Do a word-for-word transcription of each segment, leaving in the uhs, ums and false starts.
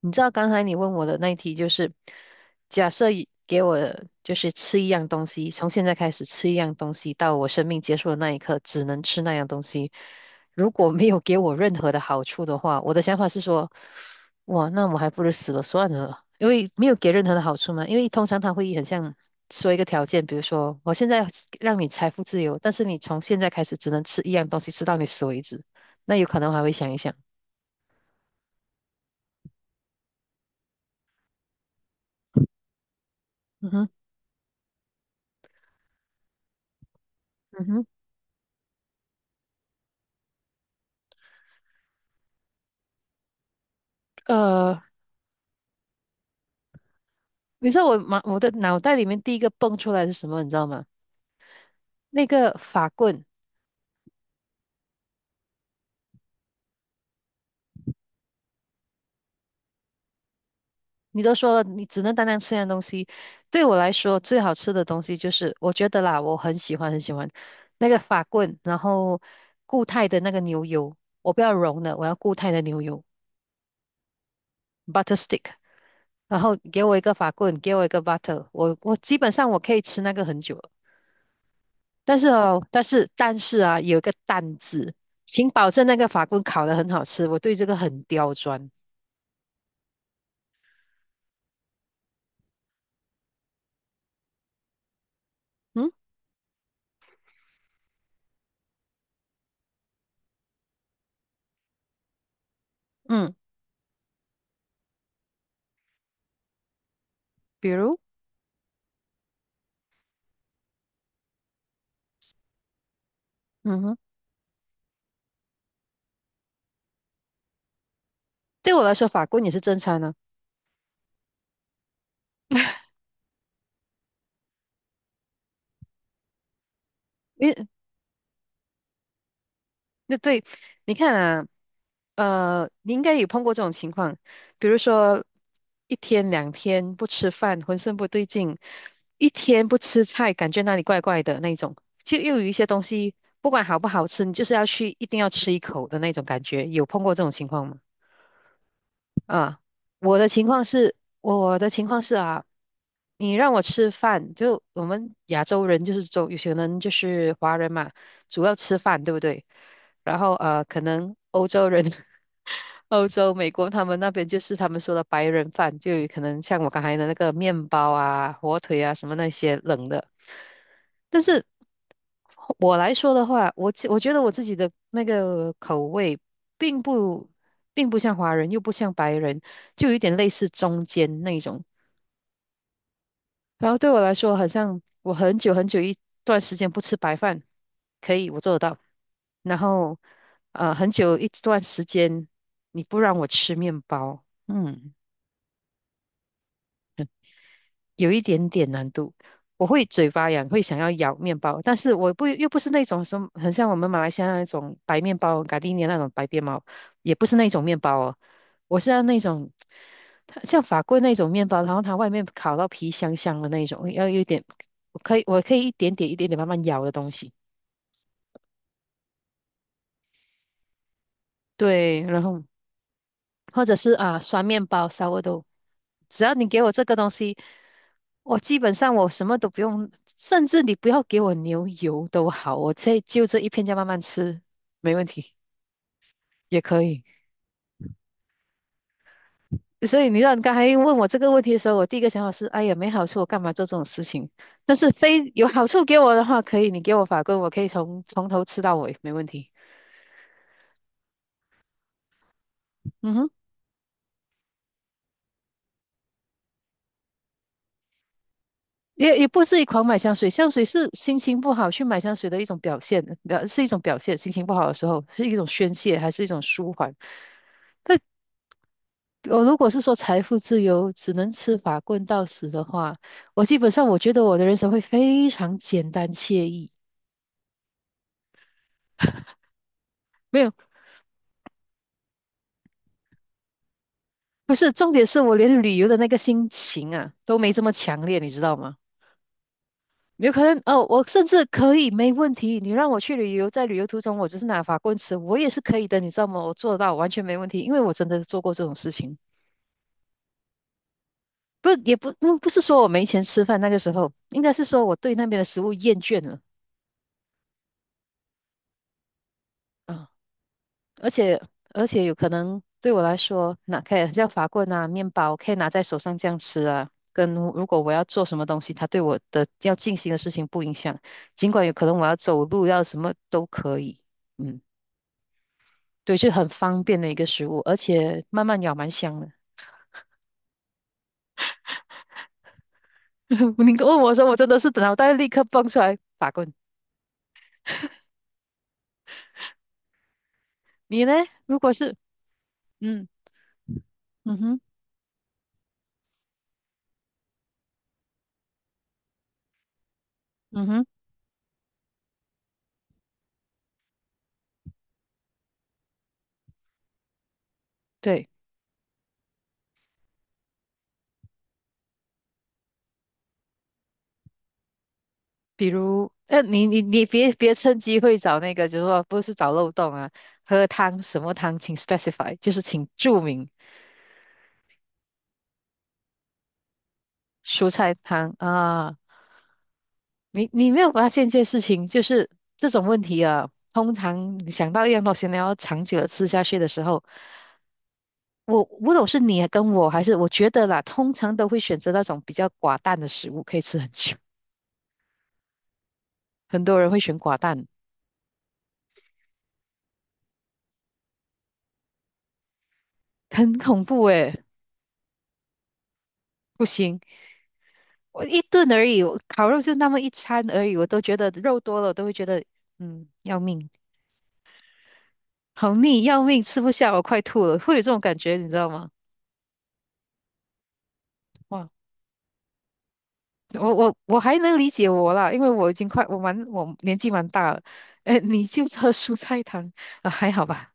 你知道刚才你问我的那一题就是，假设一给我就是吃一样东西，从现在开始吃一样东西，到我生命结束的那一刻，只能吃那样东西。如果没有给我任何的好处的话，我的想法是说，哇，那我还不如死了算了，因为没有给任何的好处嘛。因为通常他会很像说一个条件，比如说我现在让你财富自由，但是你从现在开始只能吃一样东西，吃到你死为止。那有可能我还会想一想。嗯哼，嗯哼。呃。你知道我马我的脑袋里面第一个蹦出来是什么？你知道吗？那个法棍，你都说了，你只能单单吃那样东西。对我来说，最好吃的东西就是，我觉得啦，我很喜欢很喜欢那个法棍，然后固态的那个牛油，我不要融的，我要固态的牛油 （(butter stick)。然后给我一个法棍，给我一个 butter,我我基本上我可以吃那个很久了。但是哦，但是但是啊，有一个"蛋"字，请保证那个法棍烤得很好吃，我对这个很刁钻。嗯。嗯，比如，嗯哼，对我来说，法棍也是正餐呢。因为那对，你看啊，呃，你应该有碰过这种情况，比如说一天两天不吃饭，浑身不对劲；一天不吃菜，感觉那里怪怪的那种。就又有一些东西，不管好不好吃，你就是要去，一定要吃一口的那种感觉。有碰过这种情况吗？啊，我的情况是，我的情况是啊，你让我吃饭，就我们亚洲人就是中，有些人就是华人嘛，主要吃饭，对不对？然后呃，可能欧洲人 欧洲、美国他们那边就是他们说的白人饭，就有可能像我刚才的那个面包啊、火腿啊什么那些冷的。但是我来说的话，我自我觉得我自己的那个口味并不并不像华人，又不像白人，就有一点类似中间那种。然后对我来说，好像我很久很久一段时间不吃白饭，可以，我做得到。然后，呃，很久一段时间你不让我吃面包，嗯，有一点点难度，我会嘴巴痒，会想要咬面包，但是我不又不是那种什么，很像我们马来西亚那种白面包、咖喱面那种白面包，也不是那种面包哦，我是要那种，它像法棍那种面包，然后它外面烤到皮香香的那种，要有一点，我可以我可以一点点一点点慢慢咬的东西，对，然后或者是啊酸面包、稍微都。只要你给我这个东西，我基本上我什么都不用，甚至你不要给我牛油都好，我这就这一片酱慢慢吃，没问题，也可以。所以你让你刚才问我这个问题的时候，我第一个想法是，哎呀，没好处，我干嘛做这种事情？但是非有好处给我的话，可以，你给我法棍，我可以从从头吃到尾，没问题。嗯哼，也也不是一狂买香水，香水是心情不好去买香水的一种表现，表是一种表现。心情不好的时候是一种宣泄，还是一种舒缓？但我如果是说财富自由，只能吃法棍到死的话，我基本上我觉得我的人生会非常简单惬意。没有，不是，重点是我连旅游的那个心情啊都没这么强烈，你知道吗？有可能哦，我甚至可以没问题，你让我去旅游，在旅游途中我只是拿法棍吃，我也是可以的，你知道吗？我做得到，完全没问题，因为我真的做过这种事情。不，也不，嗯不是说我没钱吃饭，那个时候应该是说我对那边的食物厌倦了。啊，而且而且有可能对我来说，拿可以像法棍啊、面包，可以拿在手上这样吃啊。跟如果我要做什么东西，它对我的要进行的事情不影响，尽管有可能我要走路，要什么都可以。嗯，对，就很方便的一个食物，而且慢慢咬蛮香的。你问我说，我真的是脑袋立刻蹦出来法棍。你呢？如果是，嗯，嗯哼，嗯哼，对。比如，呃，你你你别别趁机会找那个，就是说不是找漏洞啊，喝汤什么汤，请 specify,就是请注明蔬菜汤啊。你你没有发现一件事情，就是这种问题啊，通常你想到一样东西，你要长久的吃下去的时候，我不懂是你跟我还是我觉得啦，通常都会选择那种比较寡淡的食物，可以吃很久。很多人会选寡淡，很恐怖诶，不行。我一顿而已，我烤肉就那么一餐而已，我都觉得肉多了，我都会觉得嗯要命，好腻，要命，吃不下，我快吐了，会有这种感觉，你知道吗？哇，我我我还能理解我啦，因为我已经快我蛮我年纪蛮大了，哎，你就喝蔬菜汤啊，还好吧？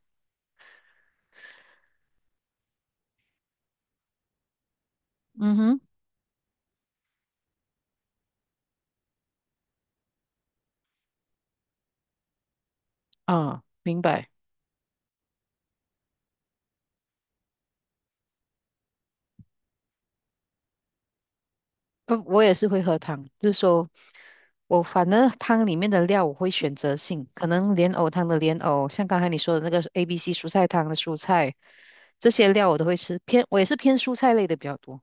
嗯哼，啊，明白。呃，我也是会喝汤，就是说我反正汤里面的料我会选择性，可能莲藕汤的莲藕，像刚才你说的那个 A、B、C 蔬菜汤的蔬菜，这些料我都会吃。偏我也是偏蔬菜类的比较多。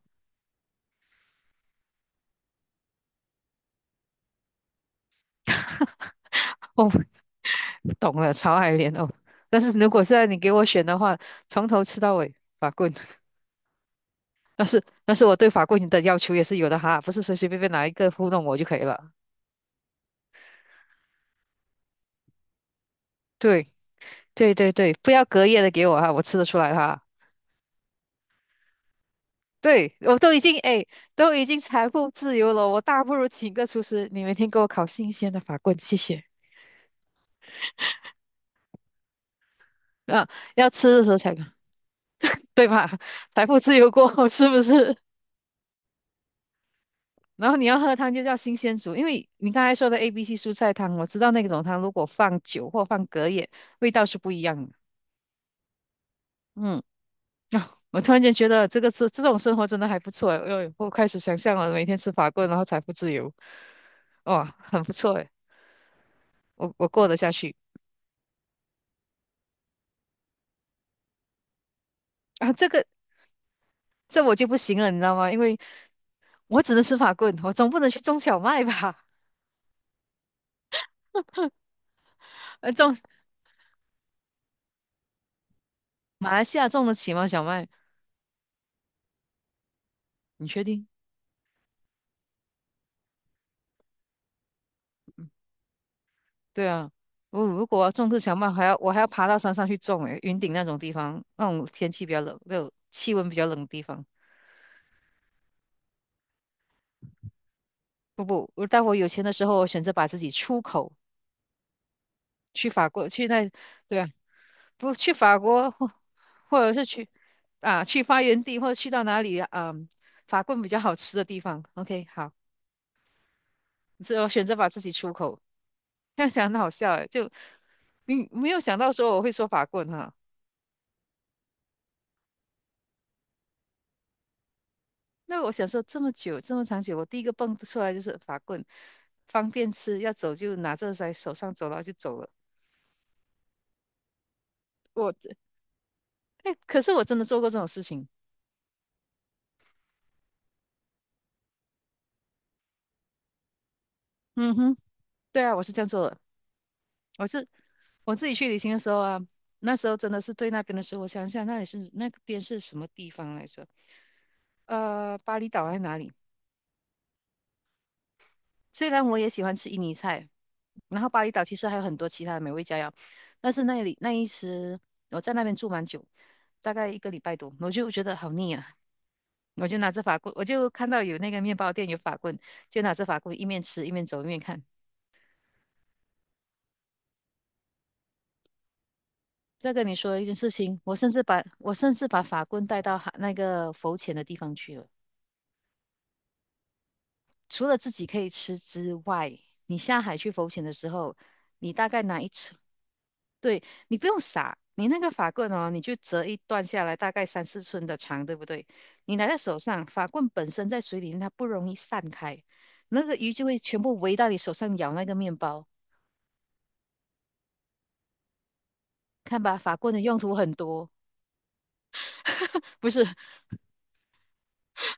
哦，懂了，潮海莲藕。但是如果现在你给我选的话，从头吃到尾，法棍。但是但是我对法棍的要求也是有的哈，不是随随便便拿一个糊弄我就可以了。对对对对，不要隔夜的给我哈，我吃得出来哈。对，我都已经哎，都已经财富自由了，我大不如请个厨师，你每天给我烤新鲜的法棍，谢谢。啊，要吃的时候才对吧？财富自由过后是不是？然后你要喝汤就叫新鲜煮，因为你刚才说的 A、B、C 蔬菜汤，我知道那种汤如果放酒或放隔夜，味道是不一样的。嗯，啊，我突然间觉得这个是这种生活真的还不错哎，哎我开始想象了，每天吃法棍，然后财富自由，哇，很不错哎，我我过得下去。啊，这个这我就不行了，你知道吗？因为我只能吃法棍，我总不能去种小麦吧？呃，种马来西亚种得起吗？小麦？你确定？对啊，我如果要种个小麦，还要我还要爬到山上去种，诶，云顶那种地方，那种天气比较冷，那种气温比较冷的地方。不不，我待会有钱的时候，我选择把自己出口去法国，去那，对啊，不去法国或或者是去啊去发源地，或者去到哪里啊，嗯法棍比较好吃的地方。OK,好，这我选择把自己出口。这样想很好笑诶，就你没有想到说我会说法棍哈。那我想说这么久这么长久，我第一个蹦出来就是法棍，方便吃，要走就拿着在手上走了就走了。我哎，可是我真的做过这种事情。嗯哼，对啊，我是这样做的。我是我自己去旅行的时候啊，那时候真的是对那边的时候，我想想那里是那边是什么地方来着？呃，巴厘岛还是哪里？虽然我也喜欢吃印尼菜，然后巴厘岛其实还有很多其他的美味佳肴，但是那里那一时我在那边住蛮久，大概一个礼拜多，我就觉得好腻啊，我就拿着法棍，我就看到有那个面包店有法棍，就拿着法棍一面吃一面走一面看。再跟你说一件事情，我甚至把我甚至把法棍带到海那个浮潜的地方去了。除了自己可以吃之外，你下海去浮潜的时候，你大概拿一车，对，你不用撒，你那个法棍哦，你就折一段下来，大概三四寸的长，对不对？你拿在手上，法棍本身在水里面它不容易散开，那个鱼就会全部围到你手上咬那个面包。看吧，法棍的用途很多，不是？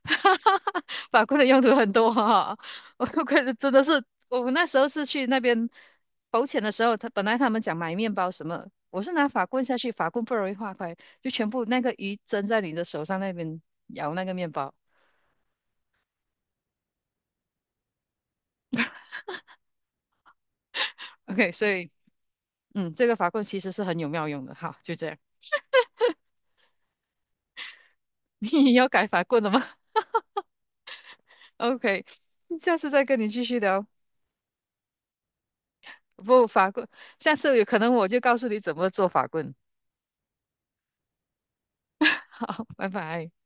法棍的用途很多哈、我我可真的是，我那时候是去那边浮潜的时候，他本来他们讲买面包什么，我是拿法棍下去，法棍不容易化开，就全部那个鱼蒸在你的手上那边咬那个面包。OK,所以嗯，这个法棍其实是很有妙用的。好，就这样，你要改法棍了吗 ？OK,下次再跟你继续聊。不，法棍，下次有可能我就告诉你怎么做法棍。好，拜拜。